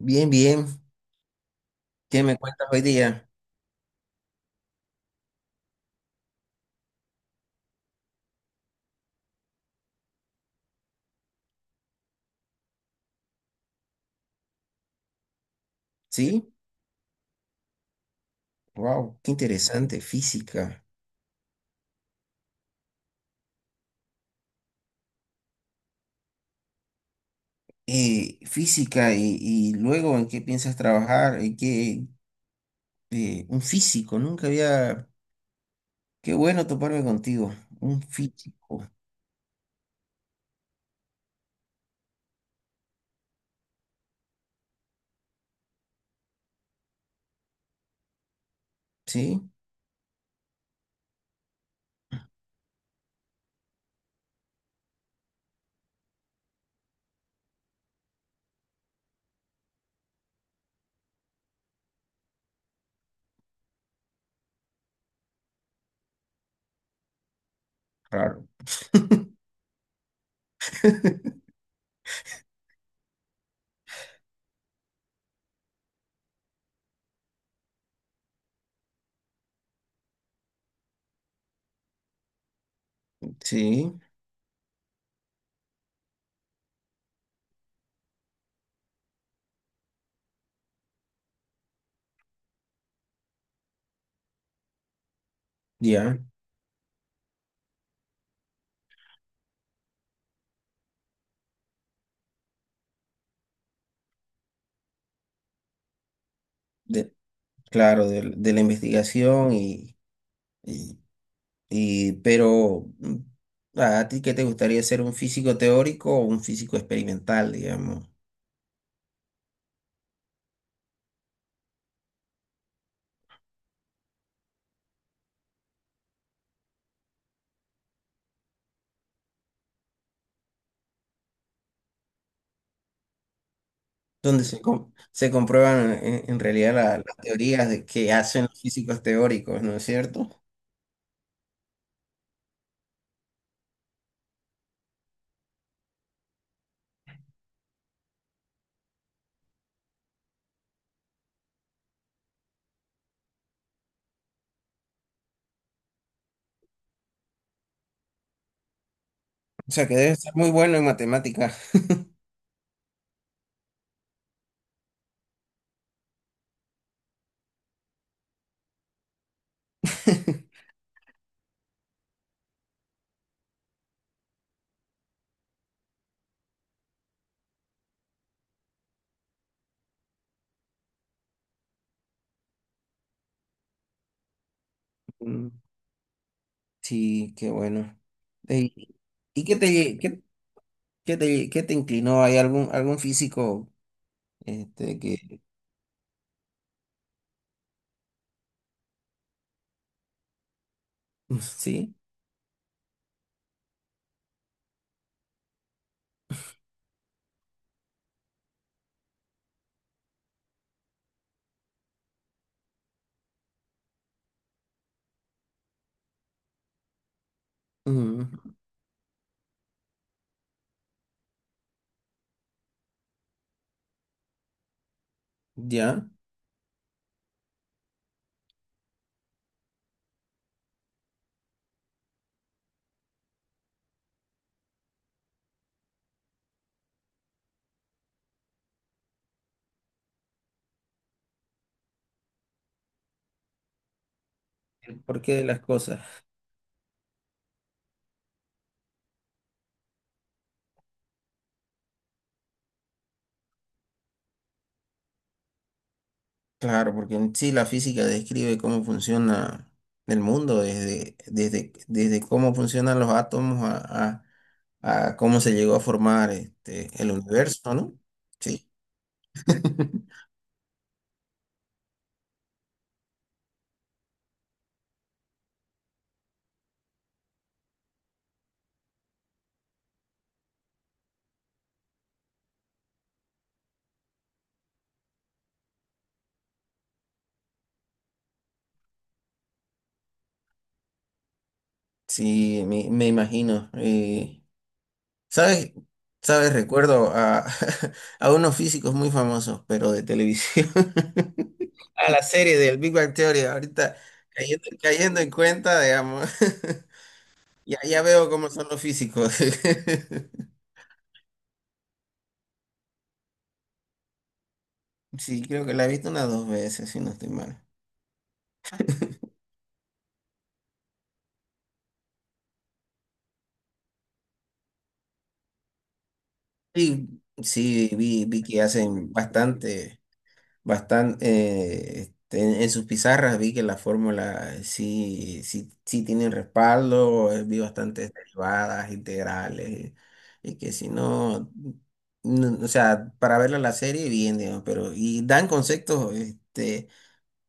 Bien, bien. ¿Qué me cuentas hoy día? ¿Sí? Wow, qué interesante. Física. Física y luego en qué piensas trabajar, en qué un físico, nunca había. Qué bueno toparme contigo. Un físico. ¿Sí? Claro. Sí, ya. De- claro, de la investigación y, y, ¿a ti qué te gustaría ser un físico teórico o un físico experimental, digamos? Donde se comprueban en realidad las teorías de que hacen los físicos teóricos, ¿no es cierto? O sea, que debe ser muy bueno en matemáticas. Mm, sí, qué bueno. Eh, ¿Y qué te, lle- qué, qué te inclinó? ¿Hay algún físico este, que... Sí. Mm, ya. ¿Por qué de las cosas? Claro, porque en sí la física describe cómo funciona el mundo, desde cómo funcionan los átomos a, a- a cómo se llegó a formar este, el universo, ¿no? Sí. Sí, me imagino. ¿Sabes? ¿Sabes? Recuerdo a, a unos físicos muy famosos, pero de televisión. A la serie del Big Bang Theory, ahorita cayendo en cuenta, digamos. Ya, ya veo cómo son los físicos. Sí, creo que la he visto unas dos veces, si no estoy mal. Sí, sí, vi que hacen bastante, en sus pizarras vi que la fórmula sí tienen respaldo. Eh, vi bastantes derivadas, integrales, y que si no, no, o sea, para verla la serie, bien, digamos, pero, y dan conceptos, este,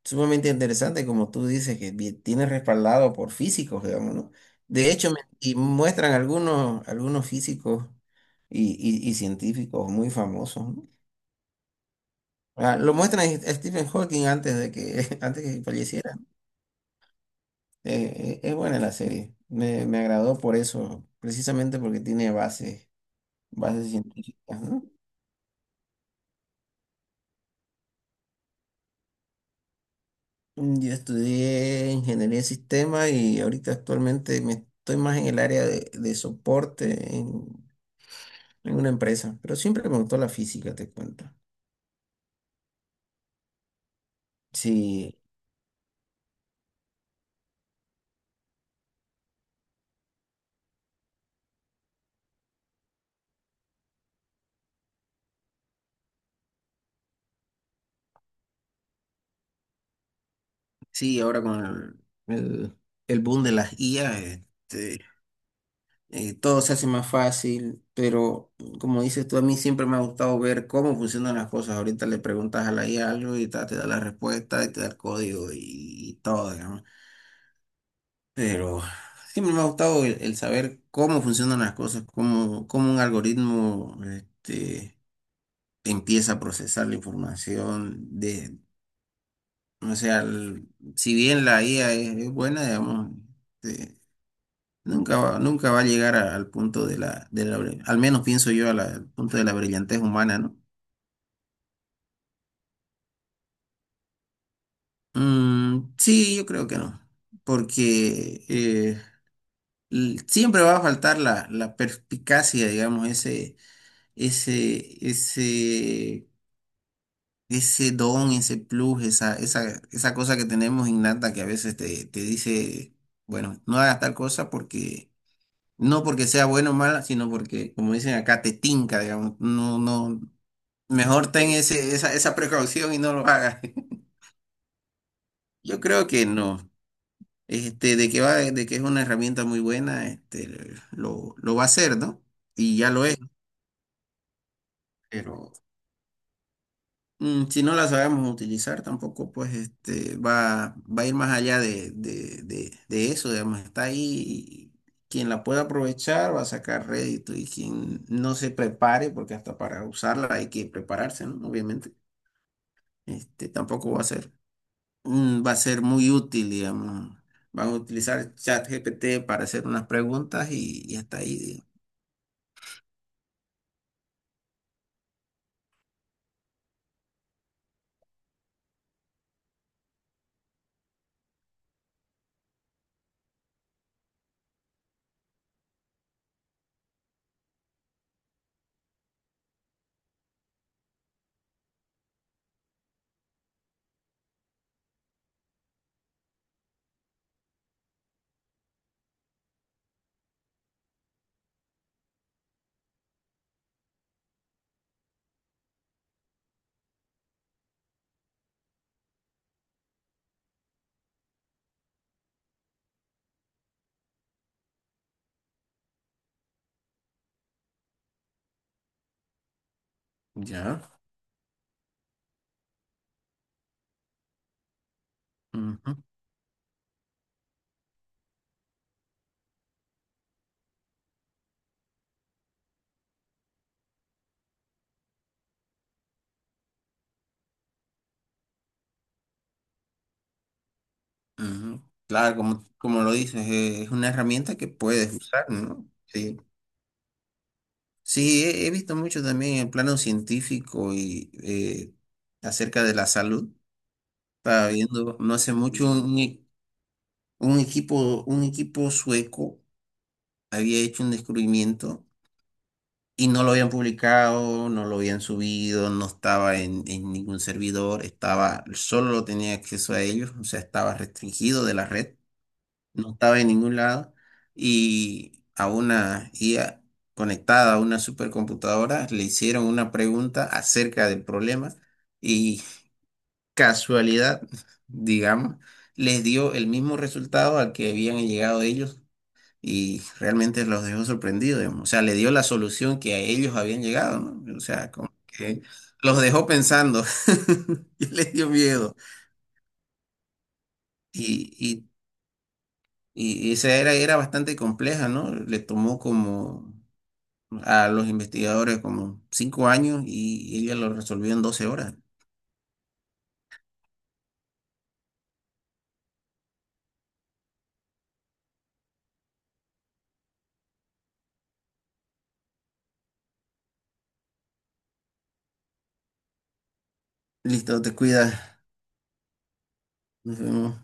sumamente interesante, como tú dices, que tiene respaldado por físicos, digamos, ¿no? De hecho, y muestran algunos físicos y y científicos muy famosos, ¿no? Ah, lo muestran a Stephen Hawking antes de que, antes que falleciera. Es buena la serie. Me agradó por eso, precisamente porque tiene bases científicas, ¿no? Mm, yo estudié ingeniería de sistemas y ahorita actualmente me estoy más en el área de soporte, en una empresa, pero siempre me gustó la física, te cuento. Sí, sí, ahora con el boom de las IA, este, todo se hace más fácil, pero como dices tú, a mí siempre me ha gustado ver cómo funcionan las cosas. Ahorita le preguntas a la IA algo y te da la respuesta y te da el código y todo, digamos. Pero siempre me ha gustado el saber cómo funcionan las cosas, cómo un algoritmo, este, empieza a procesar la información, de, o sea, si bien la IA es buena, digamos, este, nunca va a llegar al punto de la, al menos pienso yo, a al punto de la brillantez humana, ¿no? Mm, sí, yo creo que no, porque siempre va a faltar la perspicacia, digamos, ese, ese, ese don, ese plus, esa cosa que tenemos innata que a veces te dice, bueno, no hagas tal cosa porque no porque sea bueno o mala, sino porque, como dicen acá, te tinca, digamos. No, no. Mejor ten esa precaución y no lo hagas. Yo creo que no. Este, de que es una herramienta muy buena, este, lo va a hacer, ¿no? Y ya lo es, pero mm, si no la sabemos utilizar, tampoco pues este va a ir más allá de, de eso, digamos, está ahí y quien la pueda aprovechar va a sacar rédito y quien no se prepare, porque hasta para usarla hay que prepararse, ¿no? Obviamente, este tampoco va a ser, mm, va a ser muy útil, digamos. Van a utilizar ChatGPT para hacer unas preguntas y hasta ahí, digamos. Ya. Ujú, ujú. Claro, como, como lo dices, es una herramienta que puedes usar, ¿no? Sí. Sí, he visto mucho también en plano científico y acerca de la salud. Estaba viendo no hace mucho un equipo sueco había hecho un descubrimiento y no lo habían publicado, no lo habían subido, no estaba en ningún servidor, estaba, solo lo tenía acceso a ellos, o sea, estaba restringido de la red. No estaba en ningún lado, y a una IA conectada a una supercomputadora le hicieron una pregunta acerca del problema y casualidad, digamos, les dio el mismo resultado al que habían llegado ellos y realmente los dejó sorprendidos, digamos. O sea, le dio la solución que a ellos habían llegado, ¿no? O sea, como que los dejó pensando y les dio miedo. Y, y, y esa era bastante compleja, ¿no? Le tomó como a los investigadores como 5 años y ella lo resolvió en 12 horas. Listo, te cuidas. Nos vemos.